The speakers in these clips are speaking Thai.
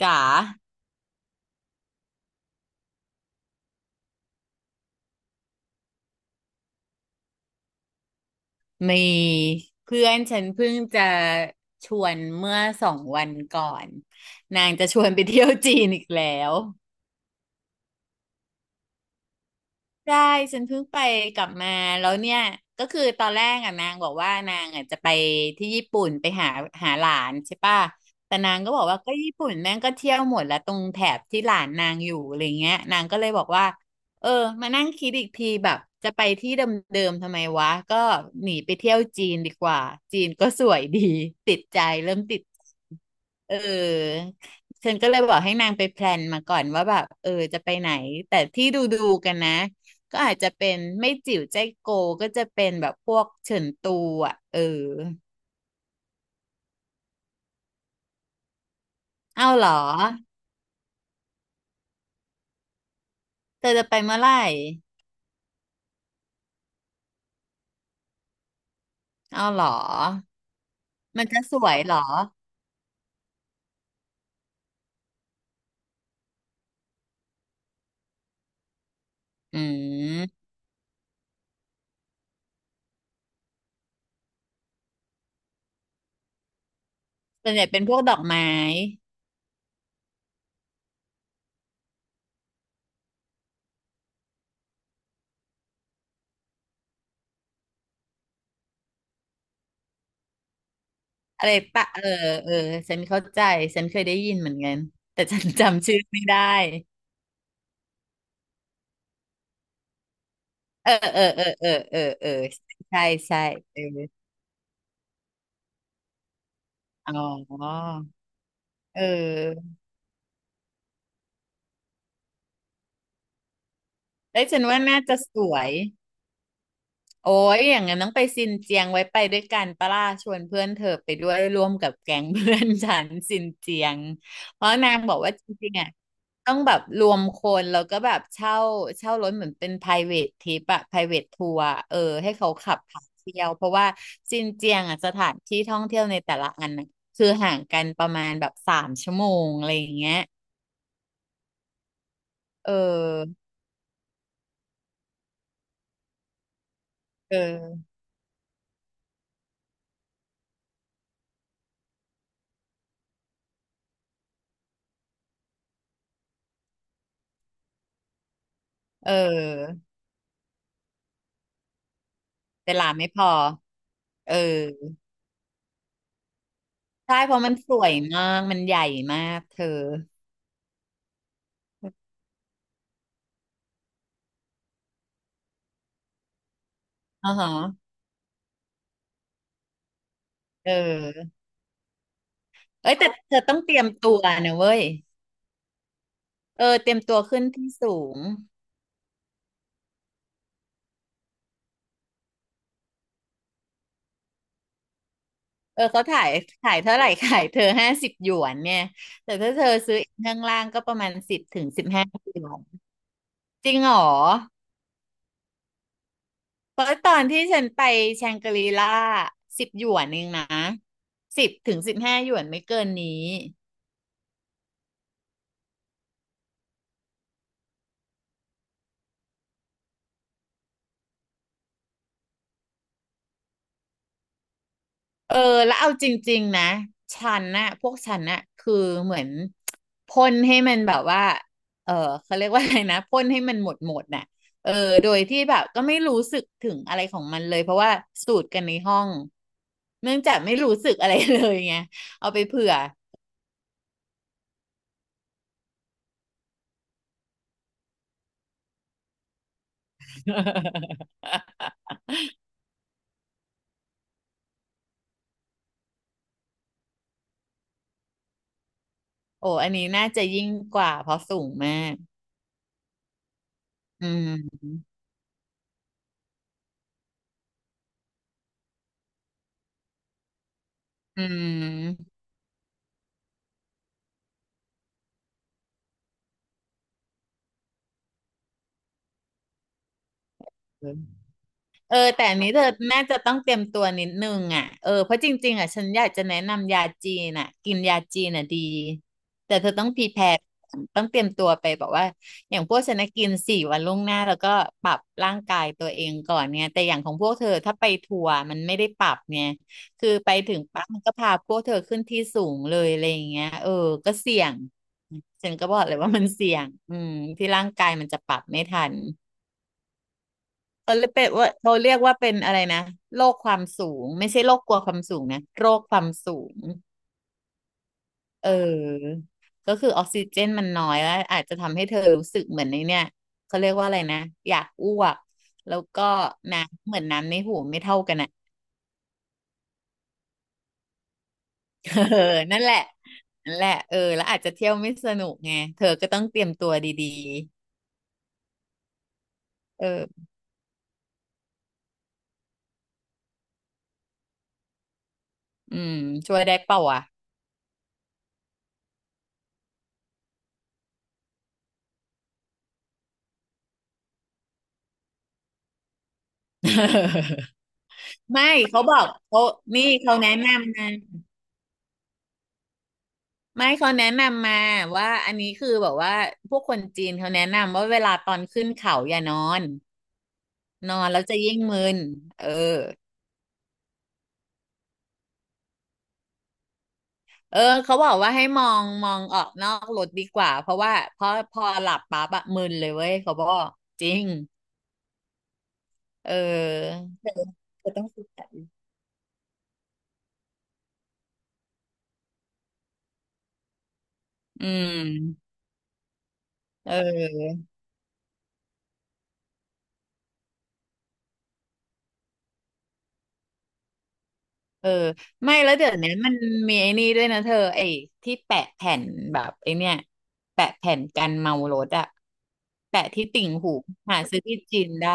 จ๋ามีเพื่อนฉันเพิ่งจะชวนเมื่อ2 วันก่อนนางจะชวนไปเที่ยวจีนอีกแล้ว ได้ฉันเพิ่งไปกลับมาแล้วเนี่ยก็คือตอนแรกอ่ะนางบอกว่านางอ่ะจะไปที่ญี่ปุ่นไปหาหลานใช่ป่ะแต่นางก็บอกว่าก็ญี่ปุ่นแม่งก็เที่ยวหมดแล้วตรงแถบที่หลานนางอยู่อะไรเงี้ยนางก็เลยบอกว่าเออมานั่งคิดอีกทีแบบจะไปที่เดิมๆทำไมวะก็หนีไปเที่ยวจีนดีกว่า จีนก็สวยดีติดใจเริ่มติดเออฉันก็เลยบอกให้นางไปแพลนมาก่อนว่าแบบเออจะไปไหนแต่ที่ดูกันนะ ก็อาจจะเป็นไม่จิ๋วใจโกก็จะเป็นแบบพวกเฉินตูอ่ะเออเอาเหรอเธอจะไปเมื่อไหร่เอาเหรอมันจะสวยเหรออืมส่วนใหญ่เป็นพวกดอกไม้อะไรปะเออเออฉันเข้าใจฉันเคยได้ยินเหมือนกันแต่ฉันจำชื่อไม่ได้เออเออเออเออเออเออใช่ใช่เอออ๋อเออเอ้ยฉันว่าน่าจะสวย โอ้ยอย่างนั้นต้องไปซินเจียงไว้ไปด้วยกันปะล่าชวนเพื่อนเธอไปด้วยร่วมกับแก๊งเพื่อนฉันซินเจียง เพราะนางบอกว่าจริงๆอ่ะต้องแบบรวมคนแล้วก็แบบเช่ารถเหมือนเป็น private trip อะ private tour อะเออให้เขาขับพาเที่ยวเพราะว่าซินเจียงอ่ะสถานที่ท่องเที่ยวในแต่ละอันน่ะคือห่างกันประมาณแบบ3 ชั่วโมงอะไรอย่างเงี้ยเออเออเออเวลาไม่พอเออ ใช่เพราะมันสวยมากมันใหญ่มากเธออ๋อฮะเออเอ้ยแต่เธอต้องเตรียมตัวนะเว้ยเออเตรียมตัวขึ้นที่สูงเออเขาถ่ายขายเท่าไหร่ ขายเธอ50 หยวนเนี่ยแต่ถ้าเธอซื้อข้างล่างก็ประมาณสิบถึงสิบห้าหยวนจริงเหรอเพราะตอนที่ฉันไปแชงกรีล่าสิบหยวนเองนะสิบถึงสิบห้าหยวนไม่เกินนี้ เออแล้วเอาจริงๆนะฉันน่ะพวกฉันน่ะคือเหมือนพ่นให้มันแบบว่าเออเขาเรียกว่าอะไรนะพ่นให้มันหมดหมดน่ะเออโดยที่แบบก็ไม่รู้สึกถึงอะไรของมันเลยเพราะว่าสูตรกันในห้องเนื่องจากไม่รู้สึกอะไรเลยไงเอาไปเผื่อ โอ้อันนี้น่าจะยิ่งกว่าเพราะสูงมากอืมอืม เออแต่อันนี้เธอน่าจะต้องเตรียมตัวนิดนึงอ่ะเออเพราะจริงๆอ่ะฉันอยากจะแนะนำยาจีนอ่ะกินยาจีนอ่ะดีแต่เธอต้องพรีแพร์ต้องเตรียมตัวไปบอกว่าอย่างพวกฉันนะกินสี่วันล่วงหน้าแล้วก็ปรับร่างกายตัวเองก่อนเนี่ยแต่อย่างของพวกเธอถ้าไปทัวร์มันไม่ได้ปรับเนี่ยคือไปถึงปั๊บมันก็พาพวกเธอขึ้นที่สูงเลยอะไรอย่างเงี้ยเออก็เสี่ยงฉันก็บอกเลยว่ามันเสี่ยงอืมที่ร่างกายมันจะปรับไม่ทัน เออเป็นว่าเขาเรียกว่าเป็นอะไรนะโรคความสูงไม่ใช่โรคกลัวความสูงนะโรคความสูงเออก็คือออกซิเจนมันน้อยแล้วอาจจะทำให้เธอรู้สึกเหมือนในเนี่ยเขาเรียกว่าอะไรนะอยากอ้วกแล้วก็น้ำเหมือนน้ำในหูไม่เท่ากันอ่ะ เออนั่นแหละนั่นแหละเออแล้วอาจจะเที่ยวไม่สนุกไงเธอก็ต้องเตรียมตัวดีๆเอออืมช่วยได้เปล่าวะไม่เขาบอกเขานี่เขาแนะนำนะ ไม่เขาแนะนำมาว่าอันนี้คือแบบว่าพวกคนจีนเขาแนะนำว่าเวลาตอนขึ้นเขาอย่านอนนอนแล้วจะยิ่งมึนเออเออเขาบอกว่าให้มองออกนอกรถดีกว่าเพราะว่าพอหลับปั๊บอะมึนเลยเว้ยเขาบอกจริงเออเธอเธอต้องฝึกกันอืมเออ เออไม่แล้วเดี๋ยวนี้มันมีไอ้นี่ด้วยนะเธอไอ้ที่แปะแผ่นแบบไอ้เนี่ยแปะแผ่นกันเมารถอะแปะที่ติ่งหูหาซื้อที่จีนได้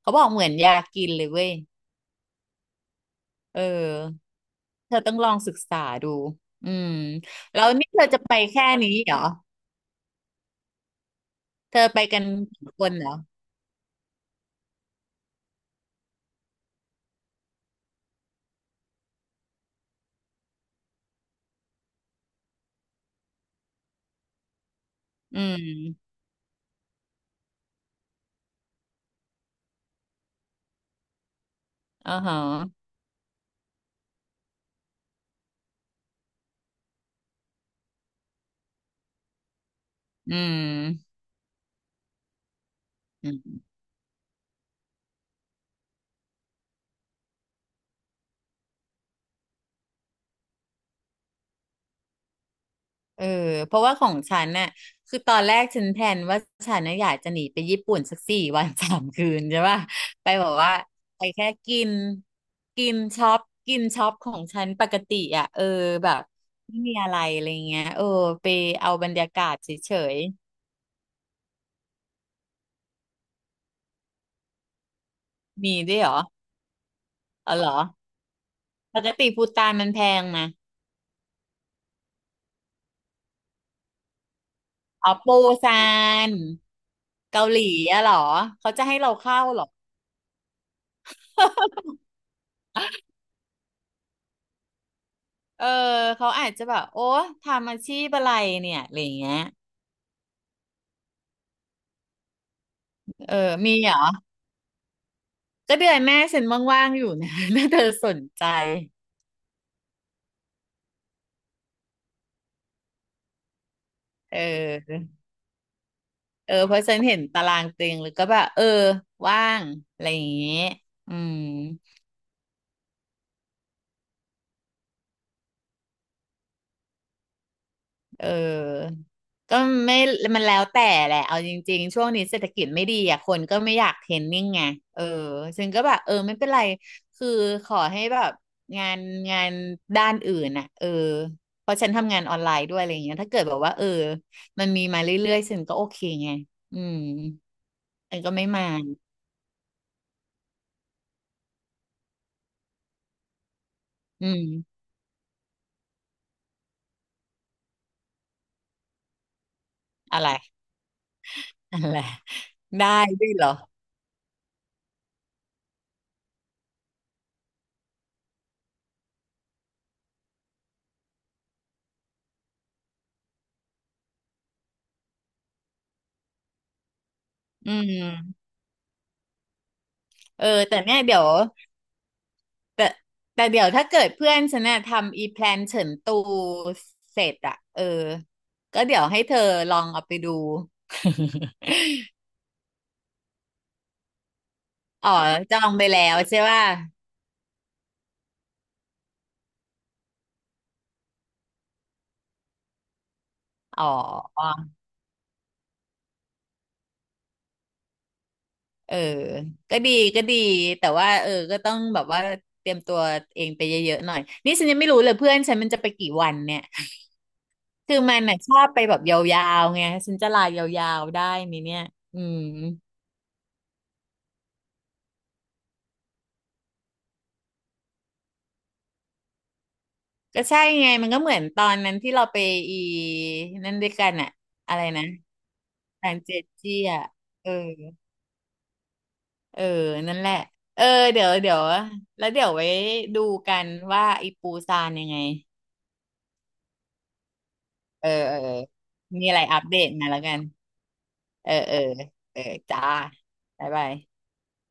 เขาบอกเหมือนยากินเลยเว้ยเออเธอต้องลองศึกษาดูอืมแล้วนี่เธอจะไปแค่นี้เหรอเธอไปกันกี่คนเหรออืมอ๋อฮะอืมอืม เออเพราะว่าของฉันน่ะคือตอนแรกฉันแพลนว่าฉันน่ะอยากจะหนีไปญี่ปุ่นสัก4 วัน 3 คืนใช่ป่ะไปแบอกว่าไปแค่กินกินช็อปกินช็อปของฉันปกติอ่ะเออแบบไม่มีอะไรอะไรเงี้ยเออไปเอาบรรยากาศเฉยๆมีด้วยเหรอเอาเหรอปกติภูฏานมันแพงนะอ๋อปูซานเกาหลีอะเหรอเขาจะให้เราเข้าเหรอเออเขาอาจจะแบบโอ้ทำอาชีพอะไรเนี่ยอะไรอย่างเงี้ย เออ มีเหรอ ก็เดือนแม่ฉันว่างๆอยู่นะ ถ้าเธอสนใจเออเออ เพราะฉันเห็นตารางเต็งหรือก็แบบเออว่างอะไรอย่างงี้อืม เออก็ไม่มันแล้วแต่แหละ เอาจริงๆ ช่วงนี้เศรษฐกิจไม่ดีอ่ะคนก็ไม่อยากเทรนนิ่งไงเออฉันก็แบบเออไม่เป็นไร คือขอให้แบบงานงานด้านอื่นอ่ะเออเพราะฉันทำงานออนไลน์ด้วยอะไรอย่างเงี้ยถ้าเกิดแบบว่าเออมันมีมาเรื่อยๆฉันก็โอเคไง อืมฉันก็ไม่มาอืมอะไรอะไร ได้ด้วยเหรออืมเออแต่เนี่ยเดี๋ยว แต่แต่เดี๋ยวถ้าเกิดเพื่อนฉันน่ะทำอีแพลนเฉินตูเสร็จอะเออก็เดี๋ยวให้เธอลองเอาไปดู อ๋อจองไปแล้วใช่ป่ะอ๋อเออ ก็ดีก็ดีแต่ว่าเออก็ต้องแบบว่าเตรียมตัวเองไปเยอะๆหน่อยนี่ฉันยังไม่รู้เลยเพื่อนฉันมันจะไปกี่วันเนี่ยคือมันน่ะชอบไปแบบยาวๆไงฉันจะลายาวๆได้ไหมเนี่ยอืม ก็ใช่ไงมันก็เหมือนตอนนั้นที่เราไปอีนั่นด้วยกันอะอะไรนะทางเจ็ดจี้อะเออเออนั่นแหละเออเดี๋ยวเดี๋ยวแล้วเดี๋ยวไว้ดูกันว่าอีปูซานยังไงเออเออเออมีอะไรอัปเดตมาแล้วกันเออเออเออจ้าบ๊ายบาย